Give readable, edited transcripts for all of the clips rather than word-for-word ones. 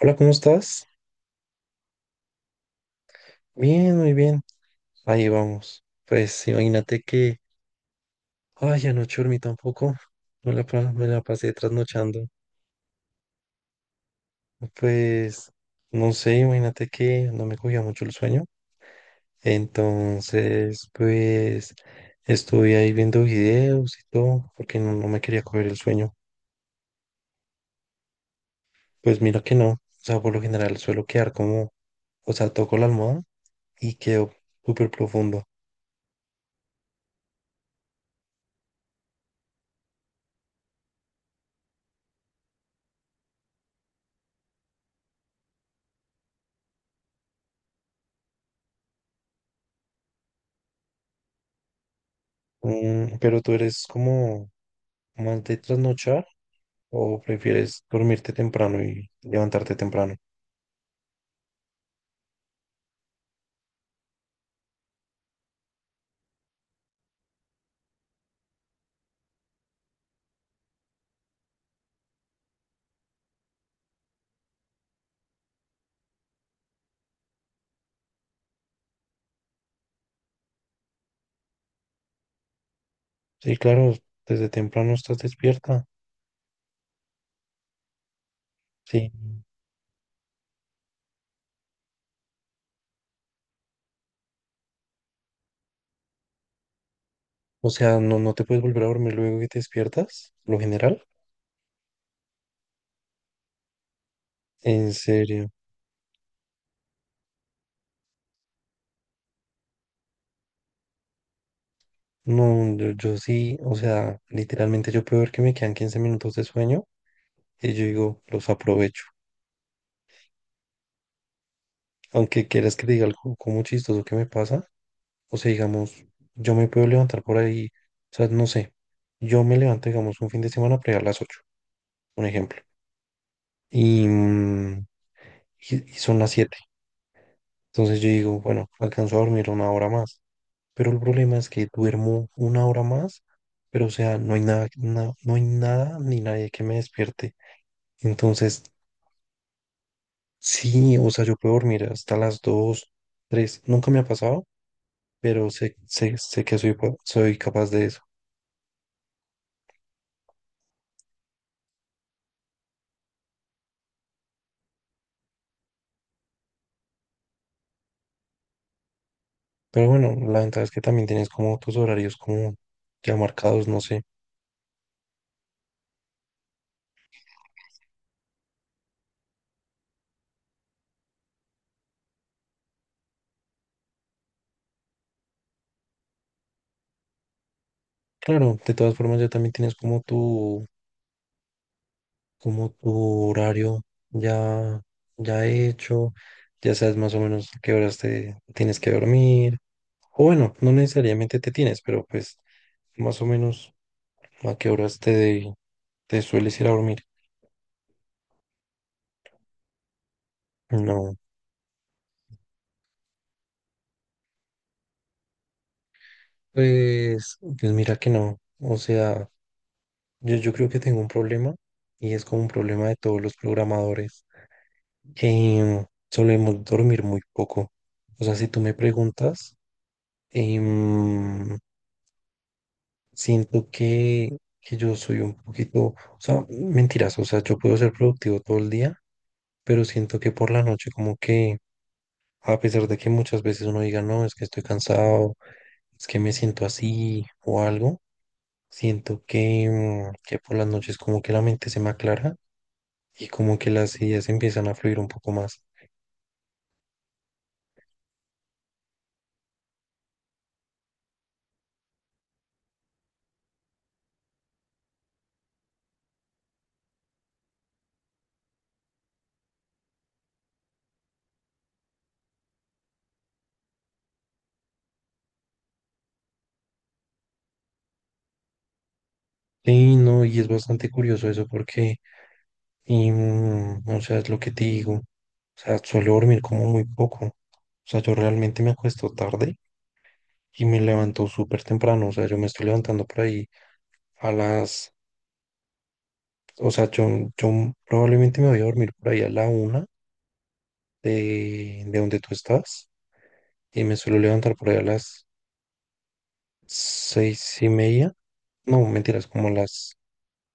Hola, ¿cómo estás? Bien, muy bien. Ahí vamos. Pues imagínate que, ay, anoche dormí tampoco. Me la pasé trasnochando. Pues, no sé, imagínate que no me cogía mucho el sueño. Entonces, pues, estuve ahí viendo videos y todo, porque no, no me quería coger el sueño. Pues mira que no. O sea, por lo general suelo quedar como, o sea, toco la almohada y quedo súper profundo. Pero tú eres como más de trasnochar. ¿O prefieres dormirte temprano y levantarte temprano? Sí, claro, desde temprano estás despierta. Sí, o sea, no, no te puedes volver a dormir luego que te despiertas, lo general. En serio. No, yo sí, o sea, literalmente yo puedo ver que me quedan 15 minutos de sueño y yo digo, los aprovecho. Aunque quieras que te diga algo como chistoso que me pasa, o sea, digamos, yo me puedo levantar por ahí, o sea, no sé, yo me levanto, digamos, un fin de semana para ir a las 8 un ejemplo. Y, mm, y son las 7. Entonces yo digo, bueno, alcanzo a dormir una hora más. Pero el problema es que duermo una hora más, pero o sea, no hay nada, no hay nada ni nadie que me despierte. Entonces, sí, o sea, yo puedo dormir hasta las 2, 3 Nunca me ha pasado, pero sé que soy capaz de eso. Pero bueno, la ventaja es que también tienes como tus horarios como ya marcados, no sé. Claro, de todas formas ya también tienes como tu horario ya, ya hecho, ya sabes más o menos a qué horas te tienes que dormir, o bueno, no necesariamente te tienes, pero pues más o menos a qué horas te sueles ir a dormir. No, pues, pues mira que no, o sea, yo creo que tengo un problema y es como un problema de todos los programadores, que solemos dormir muy poco. O sea, si tú me preguntas. em, Siento que yo soy un poquito, o sea, mentiras, o sea, yo puedo ser productivo todo el día, pero siento que por la noche como que, a pesar de que muchas veces uno diga, no, es que estoy cansado, es que me siento así o algo, siento que, que por las noches como que la mente se me aclara y como que las ideas empiezan a fluir un poco más. Sí, no, y es bastante curioso eso porque. O sea, es lo que te digo. O sea, suelo dormir como muy poco. O sea, yo realmente me acuesto tarde y me levanto súper temprano. O sea, yo me estoy levantando por ahí a las. O sea, yo probablemente me voy a dormir por ahí a la 1 de donde tú estás y me suelo levantar por ahí a las 6:30. No, mentiras, como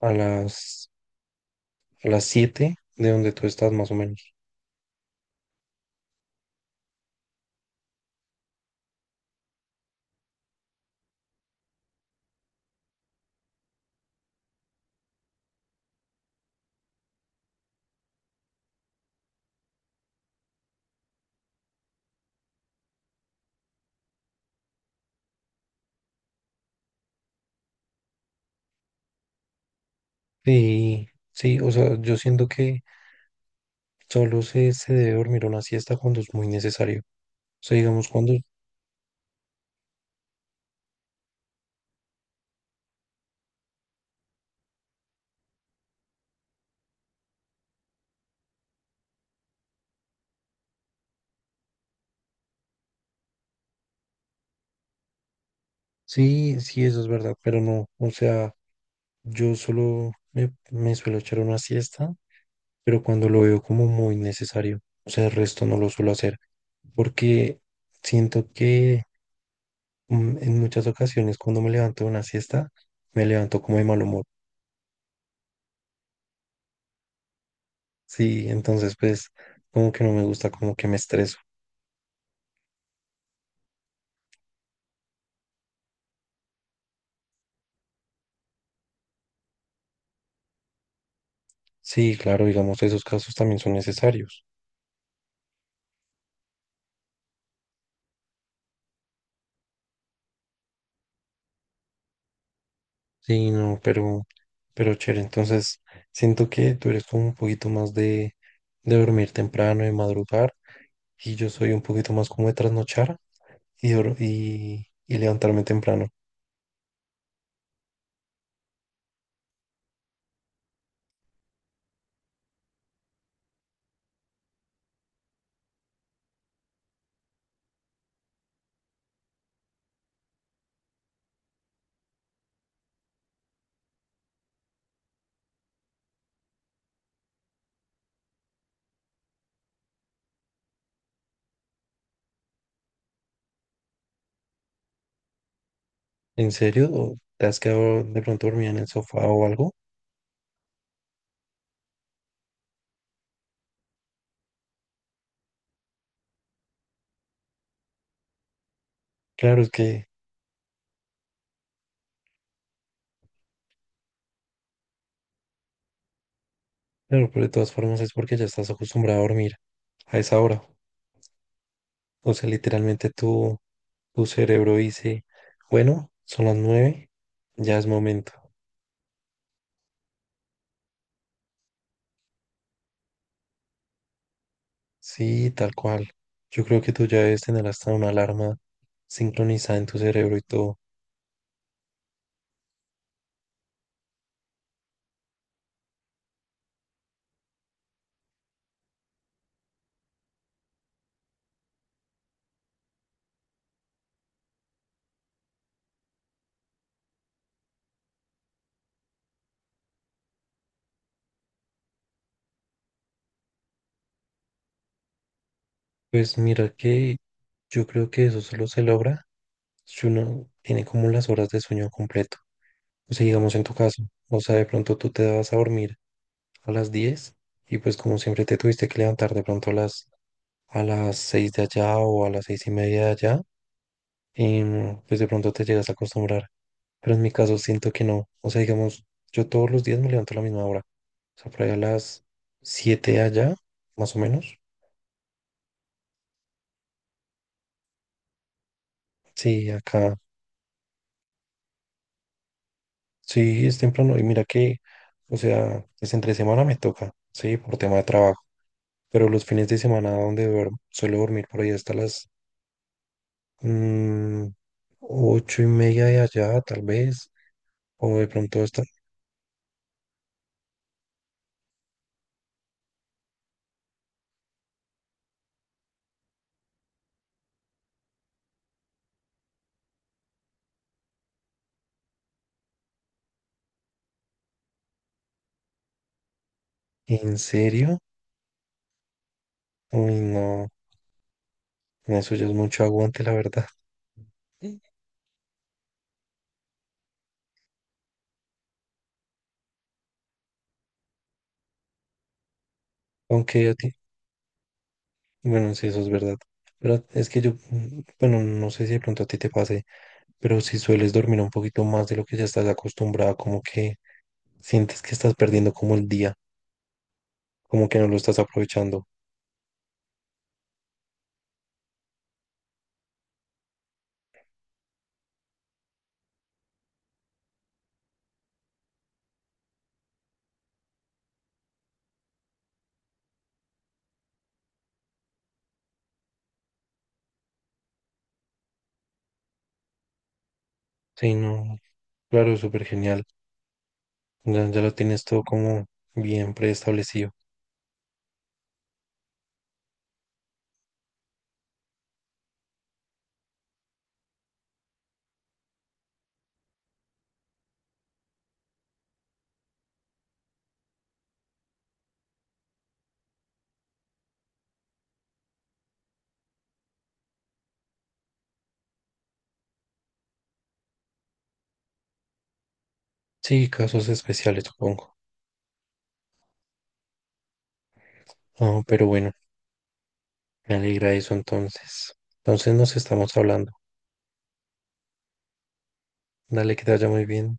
a las, a las 7 de donde tú estás más o menos. Y sí, o sea, yo siento que. Solo se debe dormir una siesta cuando es muy necesario. O sea, digamos, cuando. Sí, sí, eso es verdad, pero no. O sea, yo solo me suelo echar una siesta, pero cuando lo veo como muy necesario. O sea, el resto no lo suelo hacer, porque siento que en muchas ocasiones cuando me levanto de una siesta, me levanto como de mal humor. Sí, entonces pues como que no me gusta, como que me estreso. Sí, claro, digamos, esos casos también son necesarios. Sí, no, pero chévere. Entonces, siento que tú eres como un poquito más de dormir temprano, de madrugar, y yo soy un poquito más como de trasnochar y levantarme temprano. ¿En serio? ¿O te has quedado de pronto dormida en el sofá o algo? Claro, es que, claro, pero de todas formas es porque ya estás acostumbrada a dormir a esa hora. O sea, literalmente tu cerebro dice, bueno, son las 9, ya es momento. Sí, tal cual. Yo creo que tú ya debes tener hasta una alarma sincronizada en tu cerebro y todo. Pues mira que yo creo que eso solo se logra si uno tiene como las horas de sueño completo. O sea, digamos en tu caso, o sea, de pronto tú te vas a dormir a las 10 y pues como siempre te tuviste que levantar de pronto a las 6 de allá o a las 6:30 de allá, pues de pronto te llegas a acostumbrar. Pero en mi caso siento que no. O sea, digamos, yo todos los días me levanto a la misma hora. O sea, por ahí a las 7 allá, más o menos. Sí, acá. Sí, es temprano. Y mira que, o sea, es entre semana me toca, sí, por tema de trabajo. Pero los fines de semana donde duermo, suelo dormir por ahí hasta las mm, 8:30 de allá, tal vez. O de pronto hasta. ¿En serio? Uy, no. Eso ya es mucho aguante, la verdad. Aunque a ti. Bueno, sí, eso es verdad. Pero es que yo, bueno, no sé si de pronto a ti te pase, pero si sueles dormir un poquito más de lo que ya estás acostumbrada, como que sientes que estás perdiendo como el día, como que no lo estás aprovechando. Sí, no, claro, súper genial. Ya, ya lo tienes todo como bien preestablecido. Sí, casos especiales, supongo. Ah, pero bueno, me alegra eso entonces. Entonces nos estamos hablando. Dale, que te vaya muy bien.